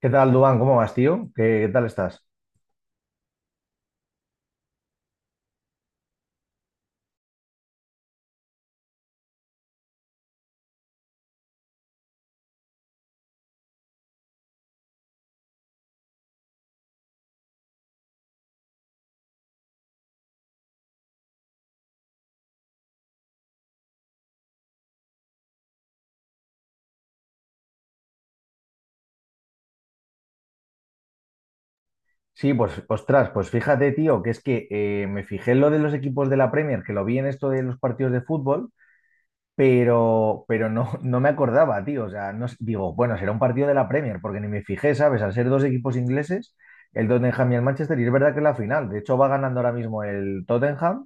¿Qué tal, Dubán? ¿Cómo vas, tío? ¿Qué tal estás? Sí, pues, ostras, pues fíjate, tío, que es que me fijé en lo de los equipos de la Premier, que lo vi en esto de los partidos de fútbol, pero no me acordaba, tío. O sea, no, digo, bueno, será un partido de la Premier, porque ni me fijé, ¿sabes? Al ser dos equipos ingleses, el Tottenham y el Manchester, y es verdad que es la final. De hecho, va ganando ahora mismo el Tottenham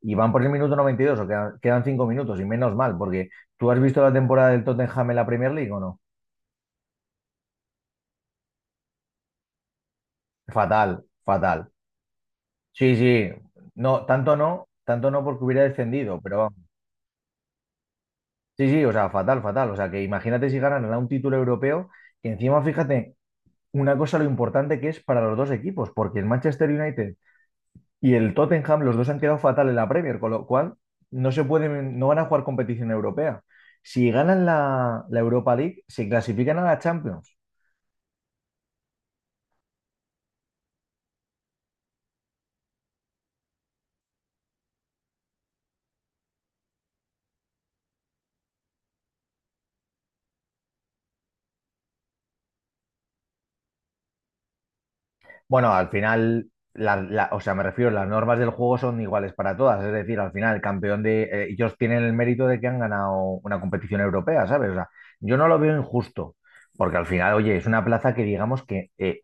y van por el minuto 92, o quedan 5 minutos, y menos mal, porque ¿tú has visto la temporada del Tottenham en la Premier League o no? Fatal, fatal. Sí, sí, no, tanto no, tanto no porque hubiera descendido, pero vamos. Sí, sí, o sea, fatal, fatal. O sea, que imagínate si ganan a un título europeo, que encima, fíjate, una cosa lo importante que es para los dos equipos, porque el Manchester United y el Tottenham, los dos han quedado fatal en la Premier, con lo cual no se pueden, no van a jugar competición europea. Si ganan la Europa League, se clasifican a la Champions. Bueno, al final, o sea, me refiero, las normas del juego son iguales para todas. Es decir, al final, el campeón de. Ellos tienen el mérito de que han ganado una competición europea, ¿sabes? O sea, yo no lo veo injusto, porque al final, oye, es una plaza que digamos que eh,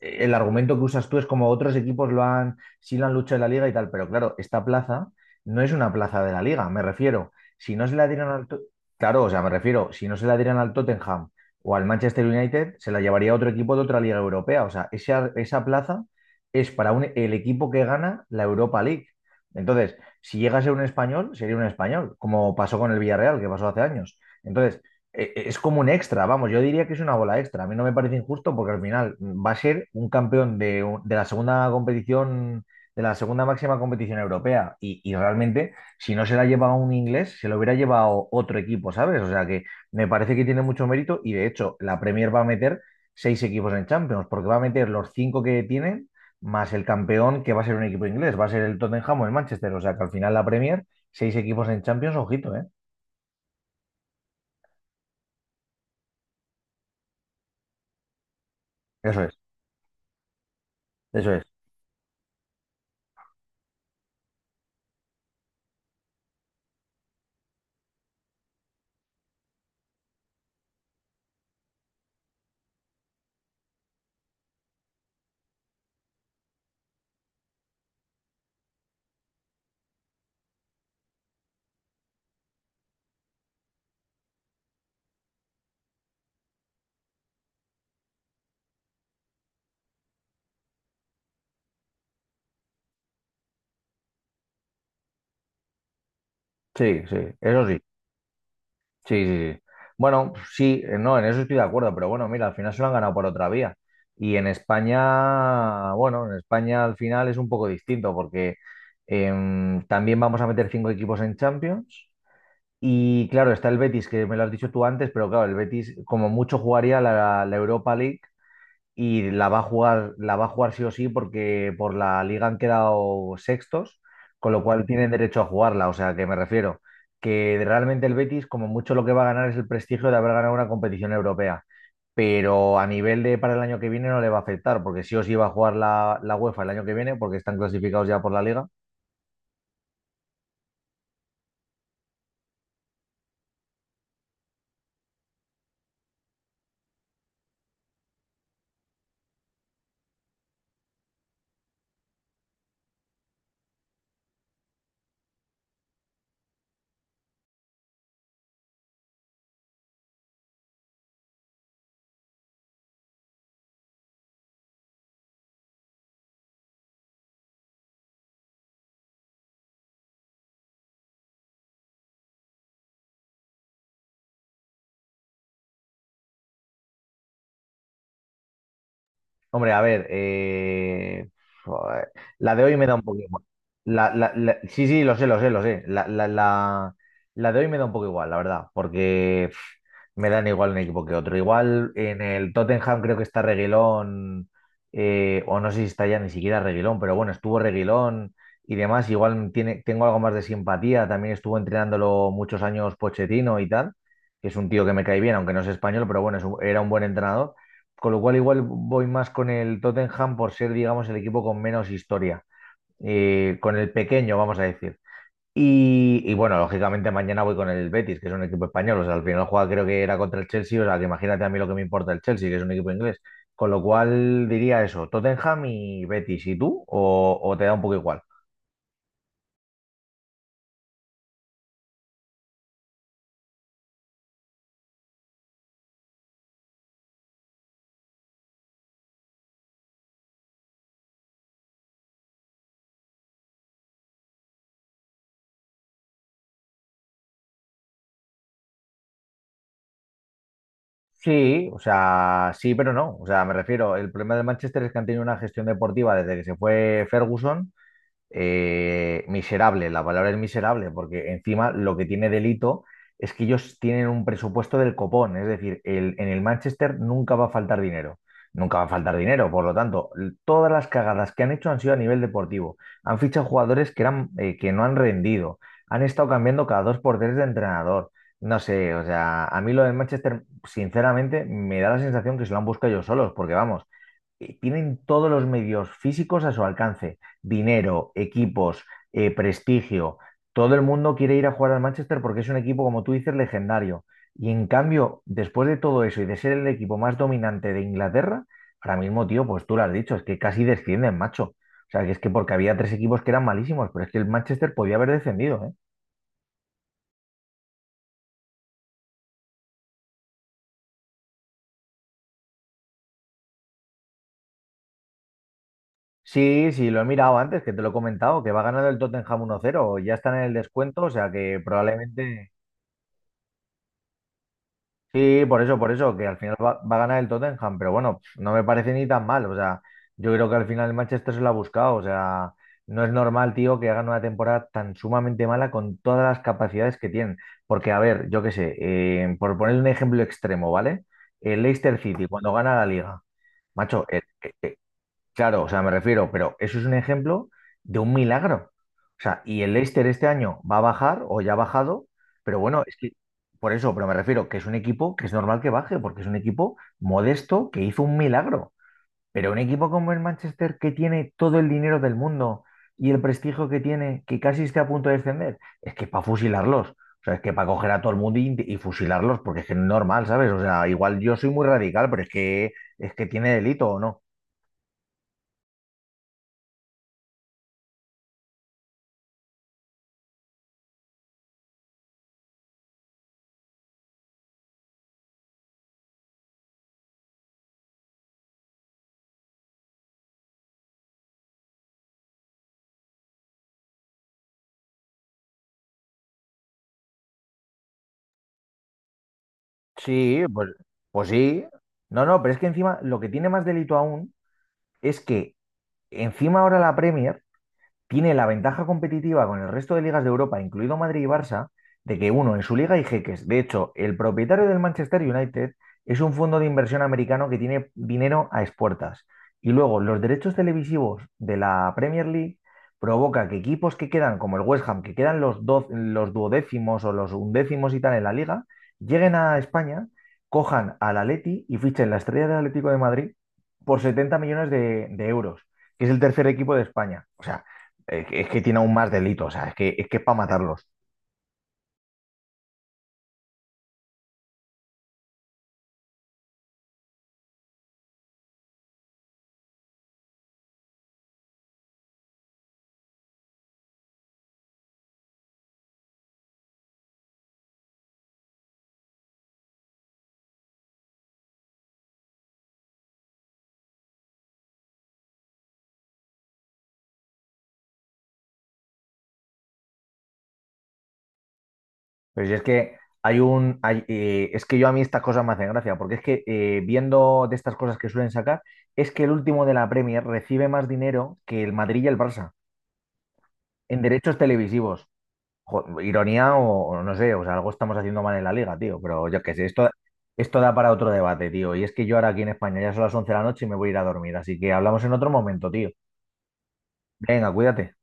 eh, el argumento que usas tú es como otros equipos lo han, sí lo han luchado en la liga y tal, pero claro, esta plaza no es una plaza de la liga, me refiero. Si no se la dieran al. To- Claro, o sea, me refiero, si no se la dieran al Tottenham o al Manchester United, se la llevaría a otro equipo de otra liga europea. O sea, esa plaza es para el equipo que gana la Europa League. Entonces, si llega a ser un español, sería un español, como pasó con el Villarreal, que pasó hace años. Entonces, es como un extra, vamos, yo diría que es una bola extra. A mí no me parece injusto porque al final va a ser un campeón de, de la segunda competición, de la segunda máxima competición europea. Y realmente, si no se la lleva un inglés, se lo hubiera llevado otro equipo, ¿sabes? O sea que me parece que tiene mucho mérito y de hecho la Premier va a meter seis equipos en Champions, porque va a meter los cinco que tienen más el campeón que va a ser un equipo inglés, va a ser el Tottenham o el Manchester. O sea que al final la Premier, seis equipos en Champions, ojito, ¿eh? Eso es, eso es. Sí, sí, eso sí. Sí, sí, sí. Bueno, sí, no, en eso estoy de acuerdo, pero bueno, mira, al final se lo han ganado por otra vía. Y en España, bueno, en España al final es un poco distinto porque también vamos a meter cinco equipos en Champions. Y claro, está el Betis, que me lo has dicho tú antes, pero claro, el Betis como mucho jugaría la Europa League y la va a jugar, la va a jugar sí o sí porque por la liga han quedado sextos, con lo cual tienen derecho a jugarla. O sea, que me refiero que realmente el Betis como mucho lo que va a ganar es el prestigio de haber ganado una competición europea, pero a nivel de para el año que viene no le va a afectar porque sí o sí va a jugar la UEFA el año que viene porque están clasificados ya por la liga. Hombre, a ver, joder, la de hoy me da un poco igual. Sí, sí, lo sé, lo sé, lo sé. La de hoy me da un poco igual, la verdad, porque pf, me dan igual un equipo que otro. Igual en el Tottenham creo que está Reguilón, o no sé si está ya ni siquiera Reguilón, pero bueno, estuvo Reguilón y demás. Igual tiene, tengo algo más de simpatía. También estuvo entrenándolo muchos años Pochettino y tal, que es un tío que me cae bien, aunque no es español, pero bueno, es era un buen entrenador. Con lo cual igual voy más con el Tottenham por ser, digamos, el equipo con menos historia, con el pequeño, vamos a decir. Y, bueno, lógicamente mañana voy con el Betis, que es un equipo español. O sea, al final juega creo que era contra el Chelsea, o sea, que imagínate a mí lo que me importa el Chelsea, que es un equipo inglés. Con lo cual diría eso, Tottenham y Betis, ¿y tú? ¿O te da un poco igual? Sí, o sea, sí, pero no. O sea, me refiero, el problema del Manchester es que han tenido una gestión deportiva desde que se fue Ferguson miserable, la palabra es miserable, porque encima lo que tiene delito es que ellos tienen un presupuesto del copón, es decir, en el Manchester nunca va a faltar dinero, nunca va a faltar dinero, por lo tanto, todas las cagadas que han hecho han sido a nivel deportivo, han fichado jugadores que, eran, que no han rendido, han estado cambiando cada dos por tres de entrenador. No sé, o sea, a mí lo del Manchester, sinceramente, me da la sensación que se lo han buscado ellos solos, porque vamos, tienen todos los medios físicos a su alcance, dinero, equipos, prestigio. Todo el mundo quiere ir a jugar al Manchester porque es un equipo, como tú dices, legendario. Y en cambio, después de todo eso y de ser el equipo más dominante de Inglaterra, ahora mismo, tío, pues tú lo has dicho, es que casi descienden, macho. O sea, que es que porque había tres equipos que eran malísimos, pero es que el Manchester podía haber descendido, ¿eh? Sí, sí, lo he mirado antes, que te lo he comentado, que va ganando el Tottenham 1-0, ya están en el descuento, o sea que probablemente. Sí, por eso, que al final va a ganar el Tottenham, pero bueno, pf, no me parece ni tan mal. O sea, yo creo que al final el Manchester se lo ha buscado. O sea, no es normal, tío, que hagan una temporada tan sumamente mala con todas las capacidades que tienen. Porque, a ver, yo qué sé, por poner un ejemplo extremo, ¿vale? El Leicester City, cuando gana la liga, macho, claro, o sea, me refiero, pero eso es un ejemplo de un milagro. O sea, y el Leicester este año va a bajar o ya ha bajado, pero bueno, es que por eso, pero me refiero que es un equipo que es normal que baje, porque es un equipo modesto que hizo un milagro. Pero un equipo como el Manchester que tiene todo el dinero del mundo y el prestigio que tiene, que casi esté a punto de descender, es que para fusilarlos. O sea, es que para coger a todo el mundo y fusilarlos, porque es que no es normal, ¿sabes? O sea, igual yo soy muy radical, pero es que tiene delito, ¿o no? Sí, pues sí. No, no, pero es que encima lo que tiene más delito aún es que encima ahora la Premier tiene la ventaja competitiva con el resto de ligas de Europa, incluido Madrid y Barça, de que uno, en su liga hay jeques. De hecho, el propietario del Manchester United es un fondo de inversión americano que tiene dinero a expuertas. Y luego, los derechos televisivos de la Premier League provoca que equipos que quedan, como el West Ham, que quedan los duodécimos o los undécimos y tal en la liga, lleguen a España, cojan al Atleti y fichen la estrella del Atlético de Madrid por 70 millones de euros, que es el tercer equipo de España. O sea, es que tiene aún más delitos, o sea, es que para matarlos. Pero si es que es que yo a mí estas cosas me hacen gracia, porque es que viendo de estas cosas que suelen sacar, es que el último de la Premier recibe más dinero que el Madrid y el Barça en derechos televisivos. Ironía o no sé, o sea, algo estamos haciendo mal en la liga, tío, pero yo qué sé, esto da para otro debate, tío. Y es que yo ahora aquí en España ya son las 11 de la noche y me voy a ir a dormir, así que hablamos en otro momento, tío. Venga, cuídate.